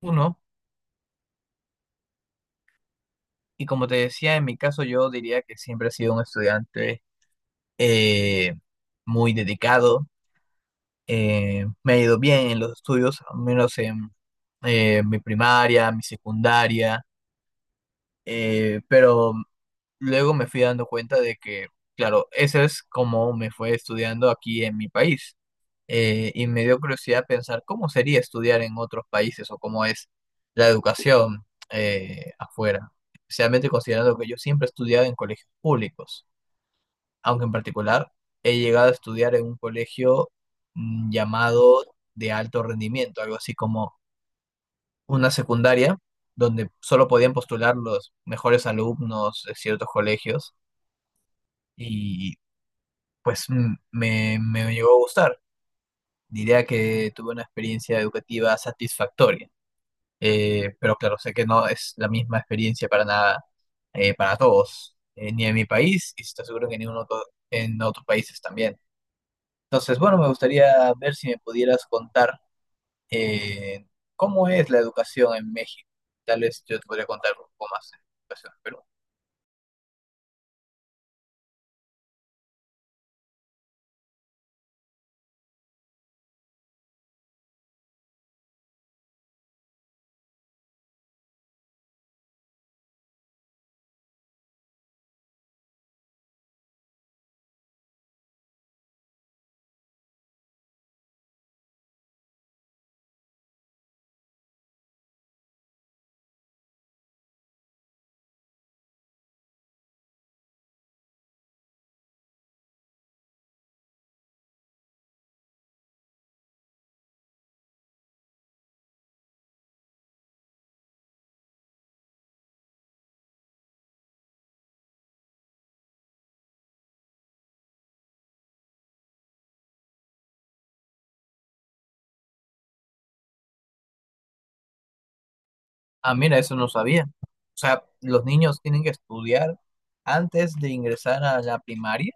Uno, y como te decía, en mi caso yo diría que siempre he sido un estudiante eh, muy dedicado. Me ha ido bien en los estudios, al menos en mi primaria, mi secundaria. Pero luego me fui dando cuenta de que, claro, eso es como me fue estudiando aquí en mi país. Y me dio curiosidad pensar cómo sería estudiar en otros países o cómo es la educación afuera, especialmente considerando que yo siempre he estudiado en colegios públicos, aunque en particular he llegado a estudiar en un colegio llamado de alto rendimiento, algo así como una secundaria donde solo podían postular los mejores alumnos de ciertos colegios y pues me llegó a gustar. Diría que tuve una experiencia educativa satisfactoria. Pero claro, sé que no es la misma experiencia para nada, para todos, ni en mi país y estoy seguro que en ningún otro, en otros países también. Entonces, bueno, me gustaría ver si me pudieras contar eh, ¿cómo es la educación en México? Tal vez yo te podría contar un poco más de educación en Perú. Ah, mira, eso no sabía. O sea, los niños tienen que estudiar antes de ingresar a la primaria.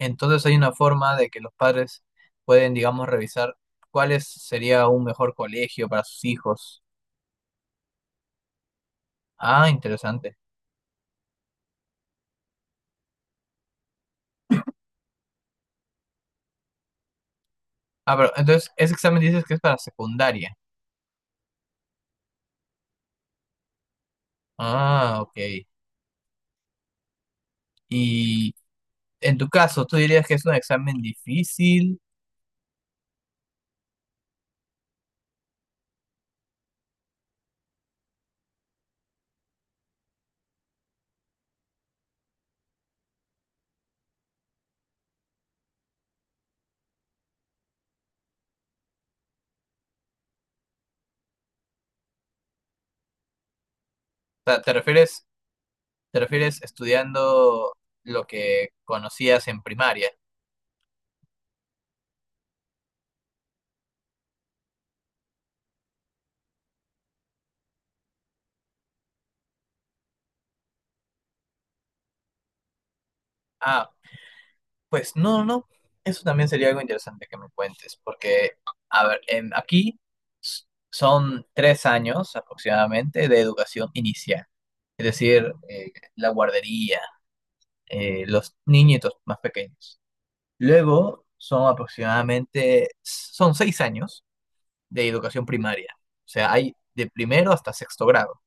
Entonces hay una forma de que los padres pueden, digamos, revisar sería un mejor colegio para sus hijos. Ah, interesante. Ah, pero entonces ese examen dices que es para secundaria. Ah, ok. Y en tu caso, ¿tú dirías que es un examen difícil? O sea, ¿Te refieres estudiando lo que conocías en primaria? Ah, pues no, no. Eso también sería algo interesante que me cuentes, porque, a ver, aquí son 3 años aproximadamente de educación inicial, es decir, la guardería, los niñitos más pequeños. Luego son aproximadamente, son 6 años de educación primaria, o sea, hay de primero hasta sexto grado,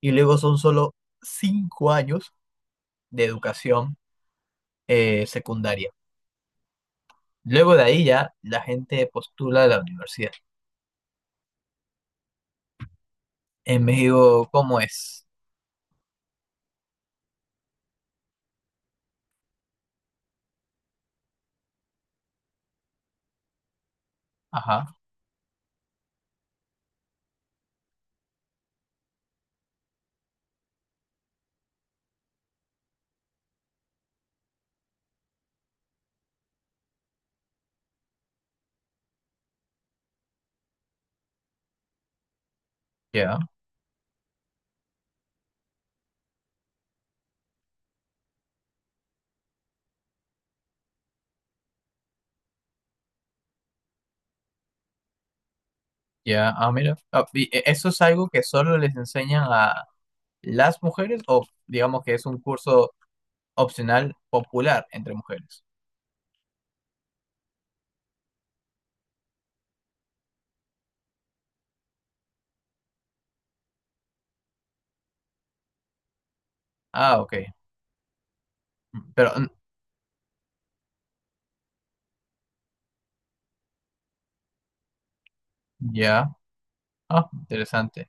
y luego son solo 5 años de educación secundaria. Luego de ahí ya la gente postula a la universidad. En México, ¿cómo es? Ajá, ya, ya, ah, mira. Ah, y ¿eso es algo que solo les enseñan a las mujeres o digamos que es un curso opcional popular entre mujeres? Ah, ok. Mm, pero, mm, ya, ah, interesante.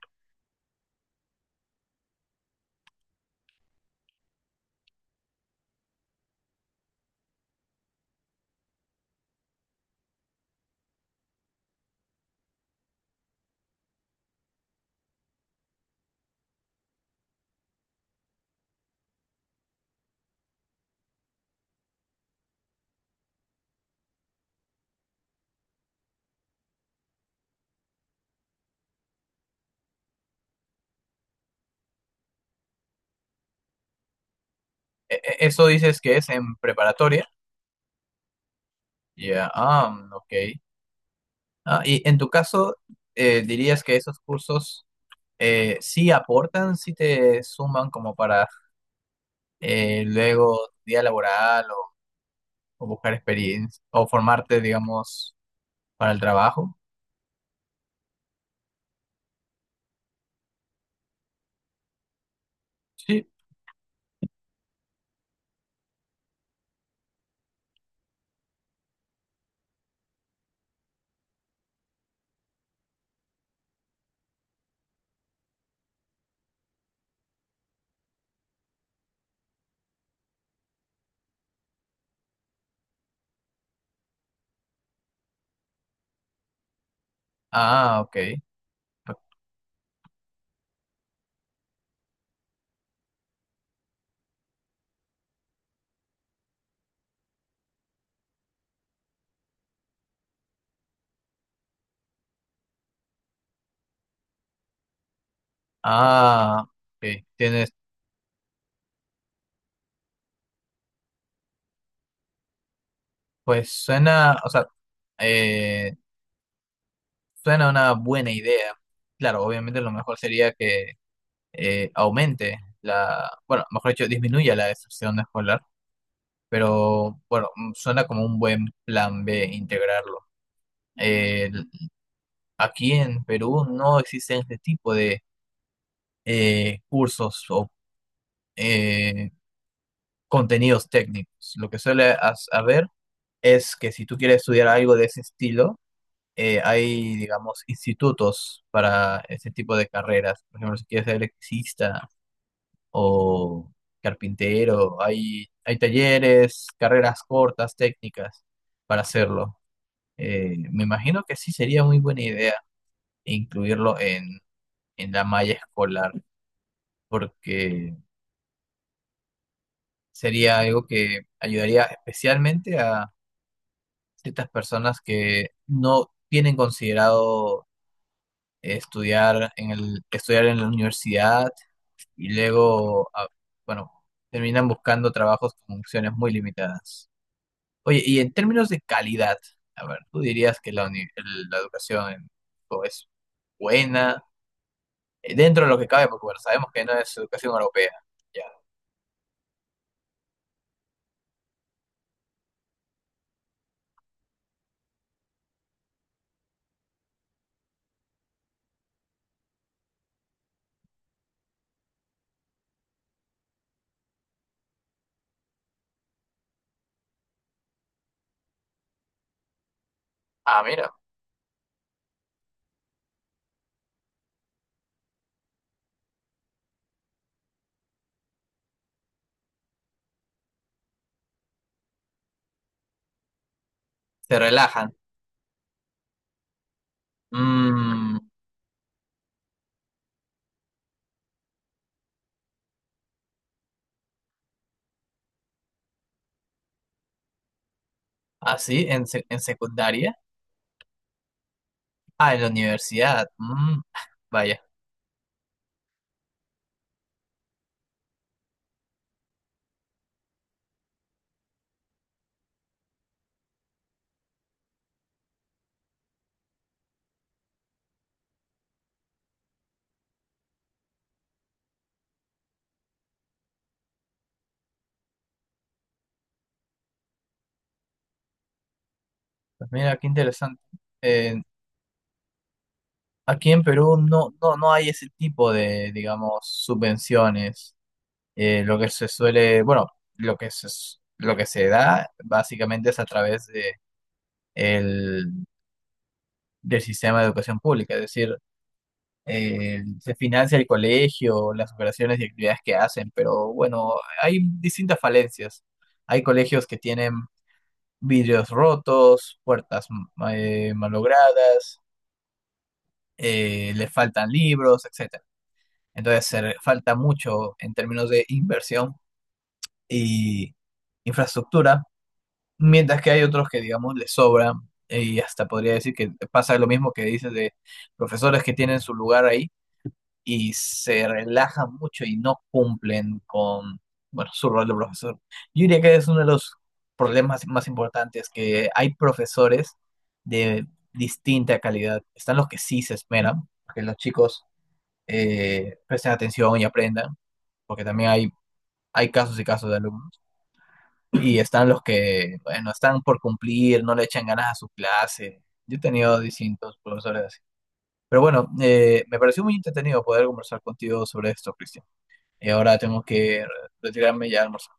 ¿Eso dices que es en preparatoria? Ya, ah, mm, ok. Ah, y en tu caso, ¿dirías que esos cursos sí aportan, sí te suman como para luego día laboral o buscar experiencia o formarte, digamos, para el trabajo? Sí. Ah, ok. Ah, ok. Tienes, pues suena, o sea, eh, suena una buena idea. Claro, obviamente lo mejor sería que aumente la, bueno, mejor dicho, disminuya la deserción escolar, pero bueno, mm, suena como un buen plan B integrarlo. Eh, Aquí en Perú no existen este tipo de cursos o eh, contenidos técnicos. Lo que suele haber es que si tú quieres estudiar algo de ese estilo, hay, digamos, institutos para ese tipo de carreras. Por ejemplo, si quieres ser electricista o carpintero, hay talleres, carreras cortas, técnicas para hacerlo. Me imagino que sí sería muy buena idea incluirlo en la malla escolar, porque sería algo que ayudaría especialmente a ciertas personas que no tienen considerado estudiar en la universidad y luego, ah, bueno, terminan buscando trabajos con funciones muy limitadas. Oye, y en términos de calidad, a ver, ¿tú dirías que la educación en México es buena? Dentro de lo que cabe, porque bueno, sabemos que no es educación europea. Ya. Ah, mira, se relajan. Mm, ah, sí, en secundaria. Ah, en la universidad. Mm, vaya, pues mira, qué interesante. Eh, Aquí en Perú no, no, no hay ese tipo de, digamos, subvenciones. Lo que se suele, bueno, lo que se da básicamente es a través de el, del sistema de educación pública. Es decir, se financia el colegio, las operaciones y actividades que hacen, pero bueno, hay distintas falencias. Hay colegios que tienen vidrios rotos, puertas malogradas, le faltan libros, etcétera. Entonces, falta mucho en términos de inversión y infraestructura, mientras que hay otros que, digamos, les sobra, y hasta podría decir que pasa lo mismo que dices de profesores que tienen su lugar ahí y se relajan mucho y no cumplen con, bueno, su rol de profesor. Yo diría que es uno de los problemas más importantes, que hay profesores de distinta calidad. Están los que sí se esmeran, que los chicos presten atención y aprendan, porque también hay casos y casos de alumnos. Y están los que, bueno, están por cumplir, no le echan ganas a su clase. Yo he tenido distintos profesores así. Pero bueno, me pareció muy entretenido poder conversar contigo sobre esto, Cristian. Y ahora tengo que retirarme ya a almorzar.